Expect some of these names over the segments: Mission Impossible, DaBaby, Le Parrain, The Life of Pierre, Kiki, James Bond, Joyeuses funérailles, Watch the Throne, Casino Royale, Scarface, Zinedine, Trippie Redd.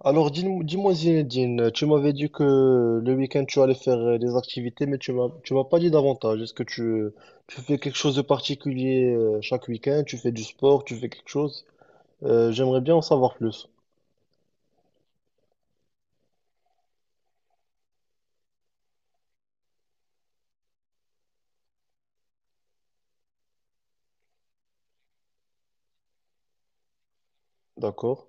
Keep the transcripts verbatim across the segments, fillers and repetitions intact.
Alors, dis-moi, dis-moi, Zinedine, tu m'avais dit que le week-end tu allais faire euh, des activités, mais tu m'as, tu m'as pas dit davantage. Est-ce que tu, tu fais quelque chose de particulier euh, chaque week-end? Tu fais du sport? Tu fais quelque chose? Euh, j'aimerais bien en savoir plus. D'accord.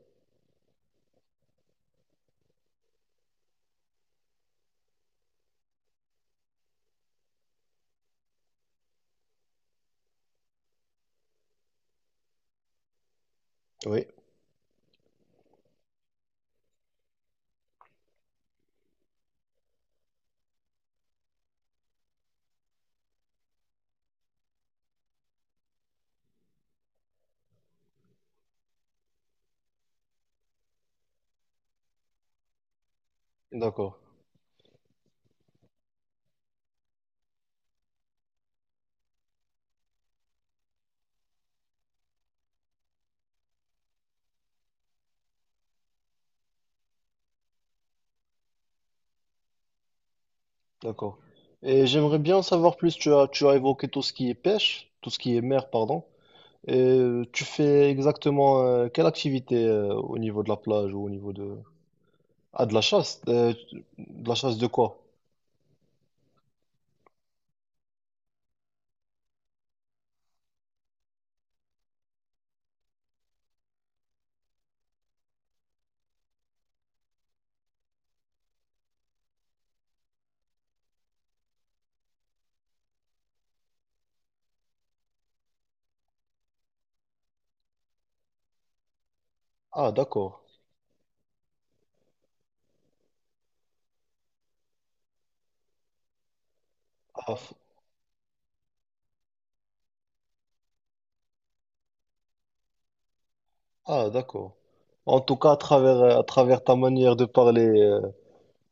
Oui. D'accord. D'accord. Et j'aimerais bien en savoir plus. Tu as, tu as évoqué tout ce qui est pêche, tout ce qui est mer, pardon. Et euh, tu fais exactement euh, quelle activité euh, au niveau de la plage ou au niveau de... Ah, de la chasse. Euh, de la chasse de quoi? Ah, d'accord. Ah, f- ah, d'accord. En tout cas, à travers, euh, à travers ta manière de parler euh,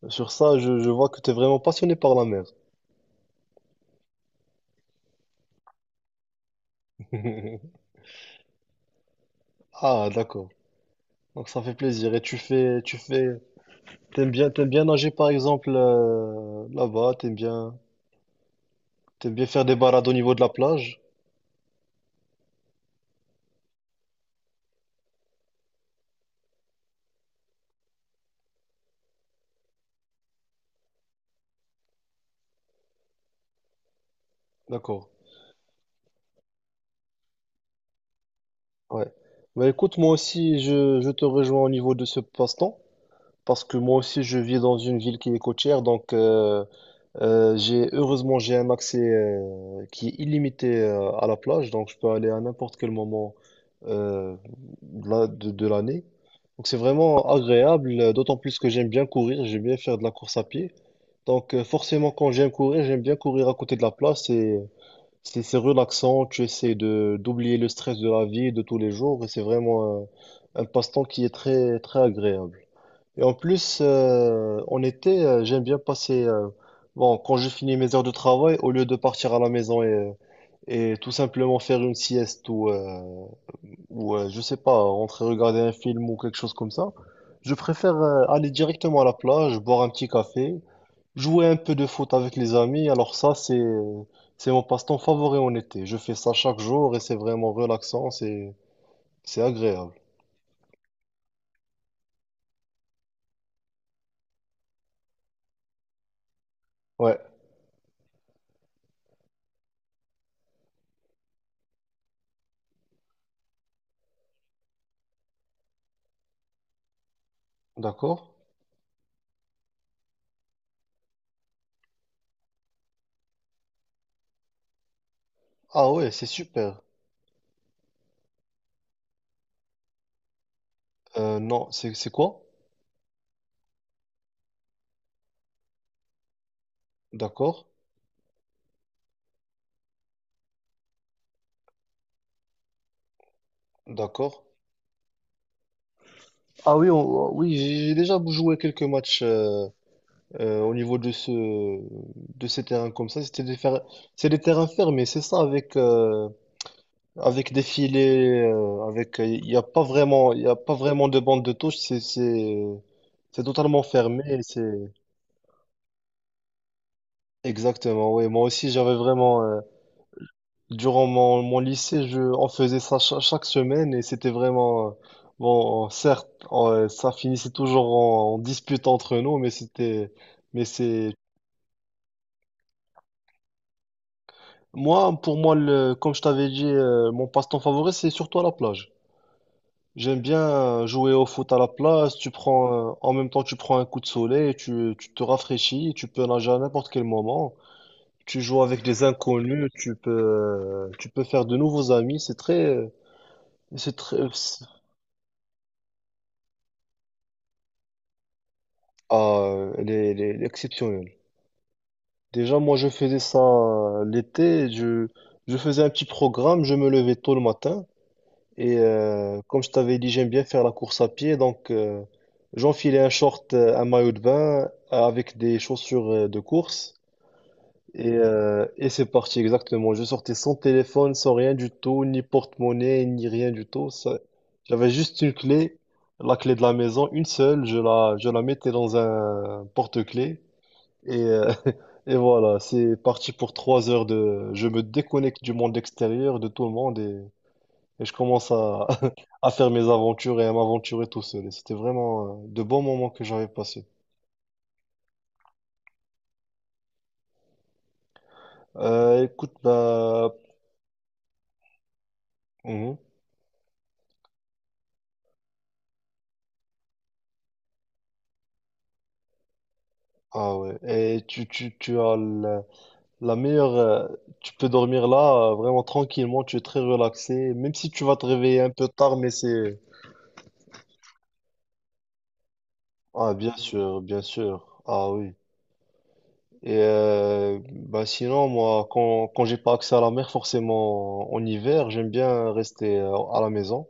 sur ça, je, je vois que tu es vraiment passionné par la mer. Ah, d'accord. Donc ça fait plaisir. Et tu fais, tu fais, t'aimes bien, t'aimes bien nager par exemple euh, là-bas, t'aimes bien, t'aimes bien faire des balades au niveau de la plage. D'accord. Ouais. Bah écoute, moi aussi, je, je te rejoins au niveau de ce passe-temps, parce que moi aussi, je vis dans une ville qui est côtière, donc euh, euh, j'ai heureusement j'ai un accès euh, qui est illimité euh, à la plage, donc je peux aller à n'importe quel moment euh, de, la- de- de l'année. Donc c'est vraiment agréable, euh, d'autant plus que j'aime bien courir, j'aime bien faire de la course à pied. Donc euh, forcément, quand j'aime courir, j'aime bien courir à côté de la plage, c'est c'est relaxant, tu essaies de d'oublier le stress de la vie de tous les jours et c'est vraiment un, un passe-temps qui est très très agréable. Et en plus, euh, en été, euh, j'aime bien passer. Euh, bon, quand je finis mes heures de travail, au lieu de partir à la maison et et tout simplement faire une sieste ou euh, ou euh, je sais pas, rentrer regarder un film ou quelque chose comme ça, je préfère euh, aller directement à la plage, boire un petit café. Jouer un peu de foot avec les amis, alors ça, c'est, c'est mon passe-temps favori en été. Je fais ça chaque jour et c'est vraiment relaxant, c'est, c'est agréable. Ouais, d'accord. Ah ouais, c'est super. Euh, non, c'est, c'est quoi? D'accord, d'accord. Ah oui, on- oui, j'ai j'ai déjà joué quelques matchs euh, euh, au niveau de ce, de ces terrains comme ça. C'était des fer- c'est des terrains fermés, c'est ça avec, euh, avec des filets, euh, avec, euh, il n'y a pas vraiment, il y a pas vraiment de bande de touche, c'est, c'est, c'est totalement fermé, et c'est, exactement, oui. Moi aussi, j'avais vraiment, euh, durant mon, mon lycée, je, on faisait ça cha- chaque semaine et c'était vraiment, euh, bon, certes, euh, ça finissait toujours en, en dispute entre nous, mais c'était, mais c'est, moi, pour moi, le, comme je t'avais dit, euh, mon passe-temps favori, c'est surtout à la plage. J'aime bien euh, jouer au foot à la plage. Tu prends, euh, en même temps, tu prends un coup de soleil, tu, tu te rafraîchis, tu peux nager à n'importe quel moment. Tu joues avec des inconnus, tu peux, euh, tu peux faire de nouveaux amis. C'est très, euh, c'est très, c'est- ah, euh, elle est, elle est- elle est exceptionnelle. Déjà, moi, je faisais ça euh, l'été. Je, je faisais un petit programme. Je me levais tôt le matin. Et euh, comme je t'avais dit, j'aime bien faire la course à pied. Donc, euh, j'enfilais un short, euh, un maillot de bain euh, avec des chaussures euh, de course. Et, euh, et c'est parti, exactement. Je sortais sans téléphone, sans rien du tout, ni porte-monnaie, ni rien du tout. Ça- J'avais juste une clé, la clé de la maison, une seule. Je la, je la mettais dans un porte-clés. Et, euh, et voilà, c'est parti pour trois heures de... Je me déconnecte du monde extérieur, de tout le monde, et, et je commence à à faire mes aventures et à m'aventurer tout seul. Et c'était vraiment euh, de bons moments que j'avais passés. Euh, écoute, bah, mhm. Ah ouais. Et tu, tu, tu as la, la meilleure, euh, tu peux dormir là, euh, vraiment tranquillement, tu es très relaxé, même si tu vas te réveiller un peu tard, mais c'est, ah, bien sûr, bien sûr. Ah oui. Et euh, bah sinon moi quand quand j'ai pas accès à la mer forcément en hiver j'aime bien rester euh, à la maison.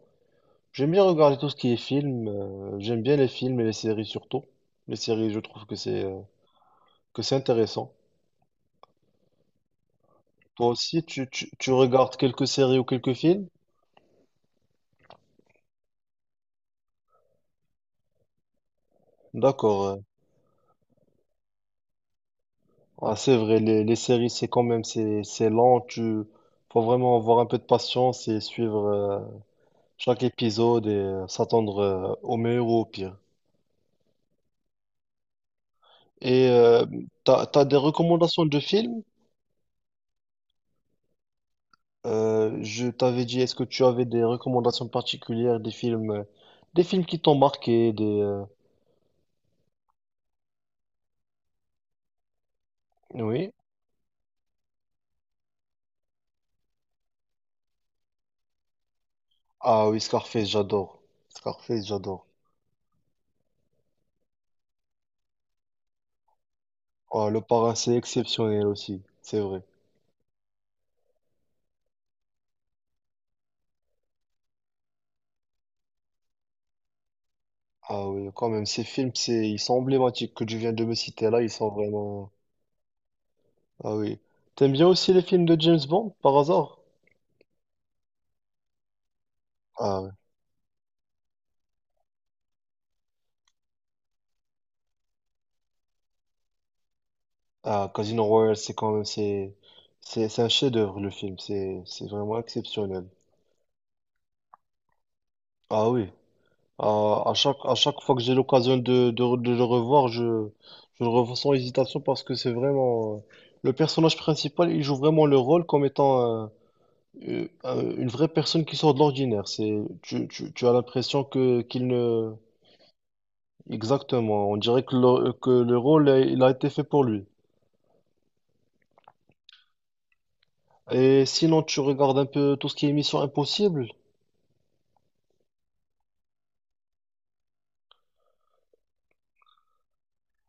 J'aime bien regarder tout ce qui est film. Euh, j'aime bien les films et les séries surtout. Les séries, je trouve que c'est euh, que c'est intéressant. Toi aussi, tu, tu, tu regardes quelques séries ou quelques films? D'accord. euh. Ah, c'est vrai, les, les séries, c'est quand même c'est c'est lent. Tu Faut vraiment avoir un peu de patience et suivre euh, chaque épisode et euh, s'attendre euh, au meilleur ou au pire. Et euh, t'as, t'as des recommandations de films? Euh, je t'avais dit, est-ce que tu avais des recommandations particulières, des films, euh, des films qui t'ont marqué, des... euh, oui. Ah oui, Scarface, j'adore. Scarface, j'adore. Ah, Le Parrain, c'est exceptionnel aussi, c'est vrai. Ah oui, quand même, ces films, c'est, ils sont emblématiques que tu viens de me citer là, ils sont vraiment... Ah oui. T'aimes bien aussi les films de James Bond, par hasard? Ah, ouais. Ah, Casino Royale, c'est quand même, c'est, c'est, c'est un chef-d'œuvre, le film, c'est, c'est vraiment exceptionnel. Ah oui, À, à chaque, à chaque fois que j'ai l'occasion de, de, re- de le revoir, je, je le revois sans hésitation parce que c'est vraiment... euh, le personnage principal, il joue vraiment le rôle comme étant euh, euh, euh, une vraie personne qui sort de l'ordinaire. C'est, tu, tu, tu as l'impression que qu'il ne... Exactement, on dirait que le, que le rôle, euh, il a été fait pour lui. Et sinon, tu regardes un peu tout ce qui est Mission Impossible.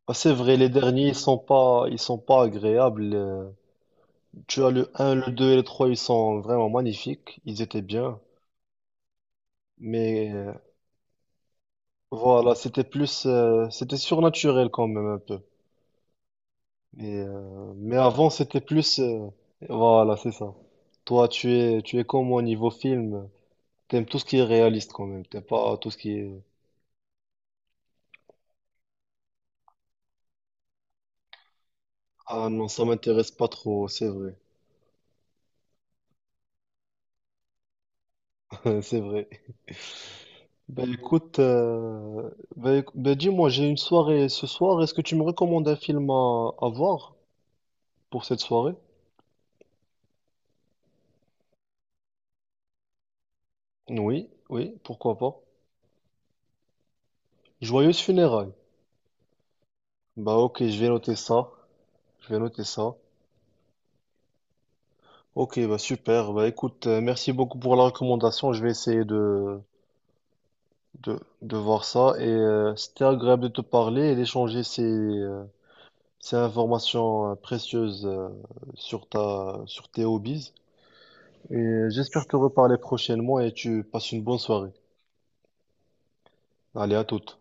Bah, c'est vrai, les derniers, ils sont pas, ils sont pas agréables. euh, Tu as le un, le deux et le trois, ils sont vraiment magnifiques, ils étaient bien, mais euh, voilà, c'était plus, euh, c'était surnaturel quand même un peu. Et, euh, mais avant, c'était plus, euh, voilà, c'est ça. Toi, tu es, tu es comme moi niveau film, t'aimes tout ce qui est réaliste quand même, t'aimes pas tout ce qui est... Ah non, ça m'intéresse pas trop, c'est vrai, c'est vrai. Ben écoute, euh, ben, éc- ben, dis-moi, j'ai une soirée ce soir, est-ce que tu me recommandes un film à à voir pour cette soirée? Oui, oui, pourquoi pas. Joyeuses funérailles. Bah ok, je vais noter ça. Je vais noter ça. Ok, bah super. Bah écoute, euh, merci beaucoup pour la recommandation. Je vais essayer de, de, de voir ça. Et euh, c'était agréable de te parler et d'échanger ces, euh, ces informations euh, précieuses euh, sur ta, sur tes hobbies. Et euh, j'espère te reparler prochainement et tu passes une bonne soirée. Allez, à toute.